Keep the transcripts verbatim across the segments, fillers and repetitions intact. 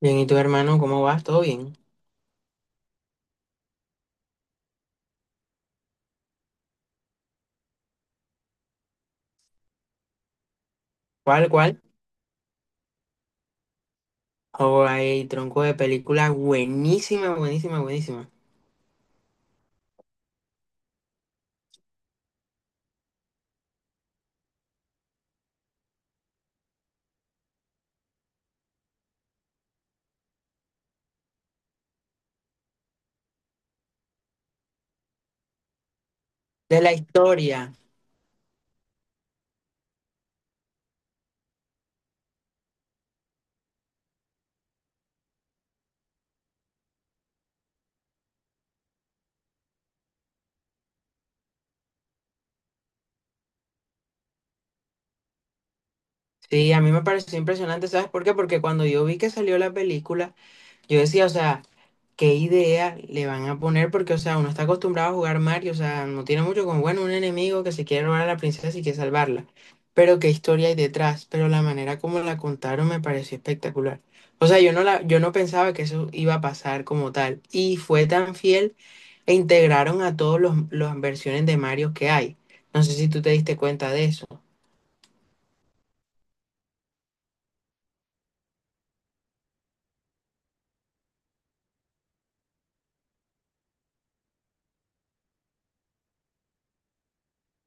Bien, ¿y tu hermano cómo vas? ¿Todo bien? ¿Cuál, cuál? Oh, hay tronco de película buenísima, buenísima, buenísima. De la historia. Sí, a mí me pareció impresionante, ¿sabes por qué? Porque cuando yo vi que salió la película, yo decía, o sea, ¿qué idea le van a poner? Porque, o sea, uno está acostumbrado a jugar Mario, o sea, no tiene mucho con, bueno, un enemigo que se quiere robar a la princesa y quiere salvarla. Pero qué historia hay detrás, pero la manera como la contaron me pareció espectacular. O sea, yo no la, yo no pensaba que eso iba a pasar como tal. Y fue tan fiel e integraron a todos los, las versiones de Mario que hay. No sé si tú te diste cuenta de eso.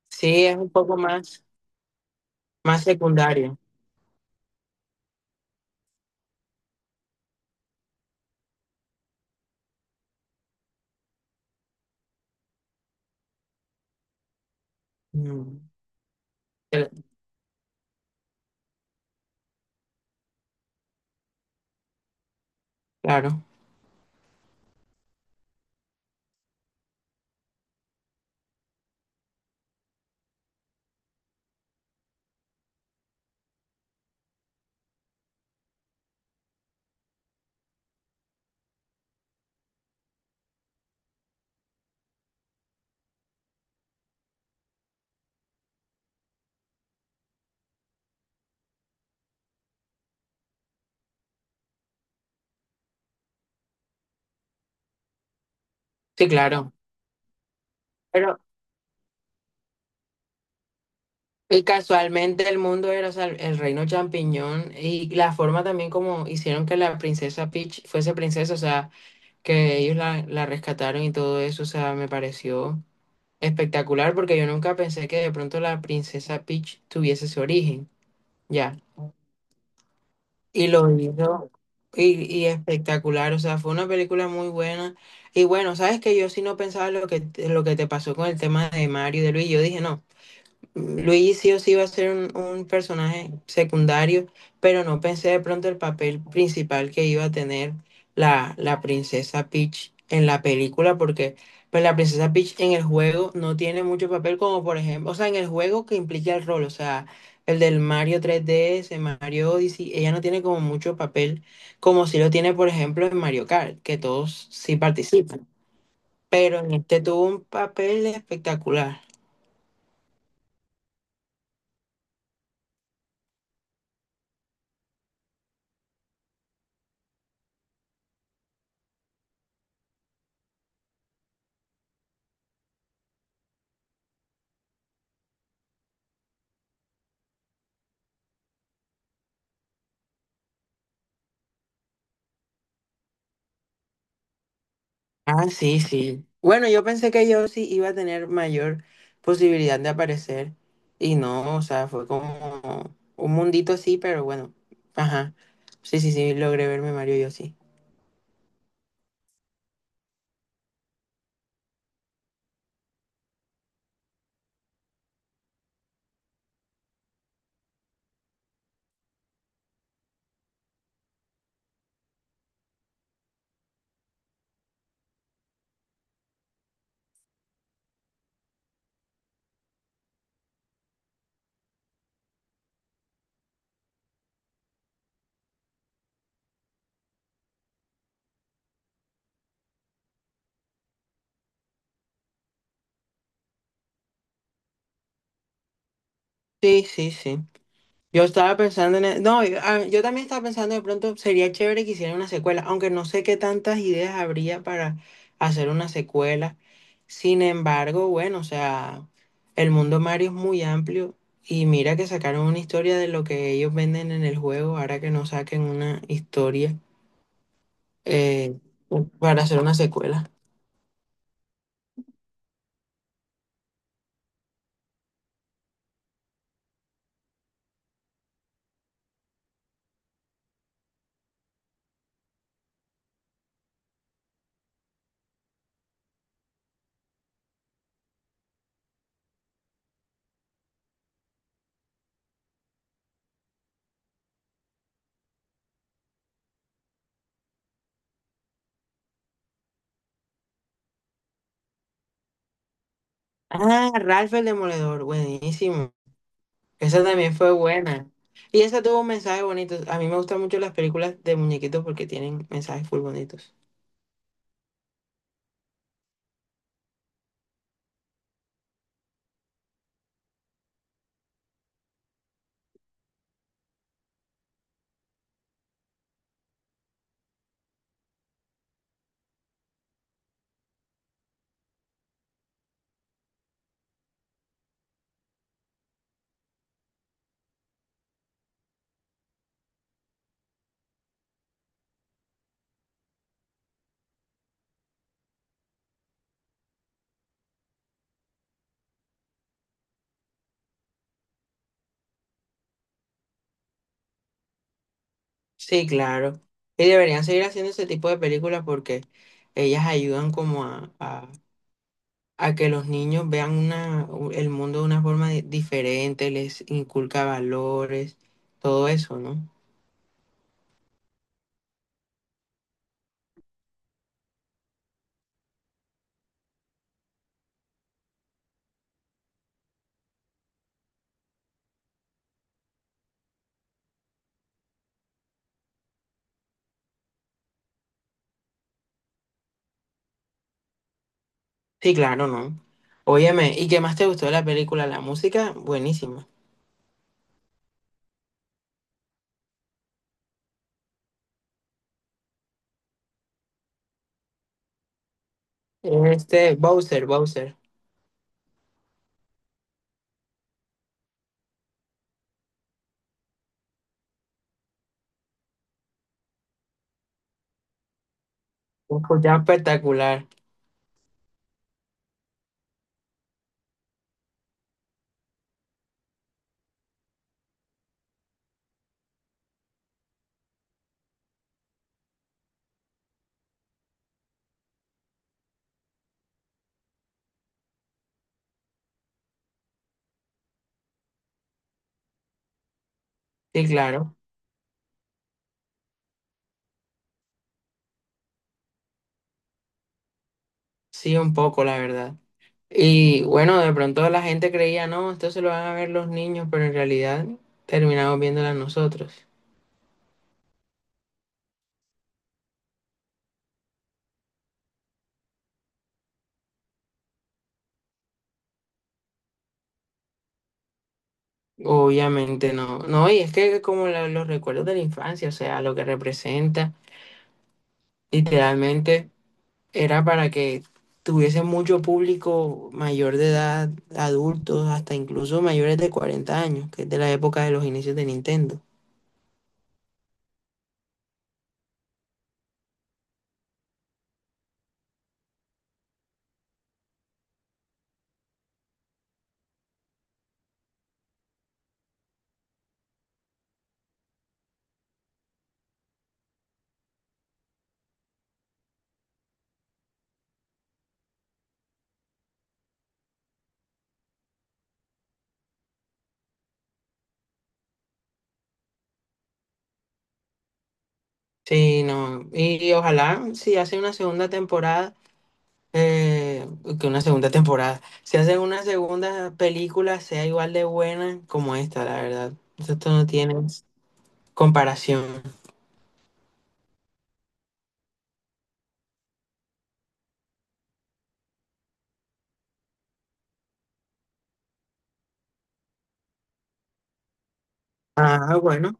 Sí, es un poco más, más secundario. Mm, pero- Claro, sí, claro. Pero y casualmente el mundo era, o sea, el reino champiñón y la forma también como hicieron que la princesa Peach fuese princesa, o sea, que ellos la, la rescataron y todo eso, o sea, me pareció espectacular porque yo nunca pensé que de pronto la princesa Peach tuviese su origen, ya. Y lo hizo y, y espectacular, o sea, fue una película muy buena. Y bueno, sabes que yo sí no pensaba lo que, lo que te pasó con el tema de Mario y de Luis, yo dije, no. Luis sí o sí iba a ser un, un personaje secundario, pero no pensé de pronto el papel principal que iba a tener la, la princesa Peach en la película, porque pues, la princesa Peach en el juego no tiene mucho papel, como por ejemplo, o sea, en el juego que implica el rol, o sea, el del Mario tres D S, Mario Odyssey, ella no tiene como mucho papel, como si lo tiene, por ejemplo, en Mario Kart, que todos sí participan, pero en este tuvo un papel espectacular. Ah, sí, sí. Bueno, yo pensé que yo sí iba a tener mayor posibilidad de aparecer y no, o sea, fue como un mundito así, pero bueno, ajá. Sí, sí, sí, logré verme Mario yo sí. Sí, sí, sí. Yo estaba pensando en... e- No, yo ah, yo también estaba pensando de pronto sería chévere que hicieran una secuela, aunque no sé qué tantas ideas habría para hacer una secuela. Sin embargo, bueno, o sea, el mundo Mario es muy amplio y mira que sacaron una historia de lo que ellos venden en el juego, ahora que no saquen una historia eh, para hacer una secuela. Ah, Ralph el Demoledor, buenísimo. Esa también fue buena. Y esa tuvo un mensaje bonito. A mí me gustan mucho las películas de muñequitos porque tienen mensajes full bonitos. Sí, claro. Y deberían seguir haciendo ese tipo de películas porque ellas ayudan como a, a- a que los niños vean una, u- el mundo de una forma di- diferente, les inculca valores, todo eso, ¿no? Sí, claro, ¿no? Óyeme, ¿y qué más te gustó de la película? La música, buenísima. Este, Bowser, Bowser. Un escuchaba espectacular. Sí, claro. Sí, un poco, la verdad. Y bueno, de pronto la gente creía, no, esto se lo van a ver los niños, pero en realidad terminamos viéndola nosotros. Obviamente no. No, y es que como la- los recuerdos de la infancia, o sea, lo que representa, literalmente era para que tuviese mucho público mayor de edad, adultos, hasta incluso mayores de cuarenta años, que es de la época de los inicios de Nintendo. Sí, no. Y, y ojalá si hace una segunda temporada. eh, que una segunda temporada. Si hacen una segunda película, sea igual de buena como esta, la verdad. Esto no tiene comparación. Ah, bueno.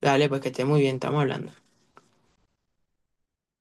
Dale, pues que esté muy bien, estamos hablando.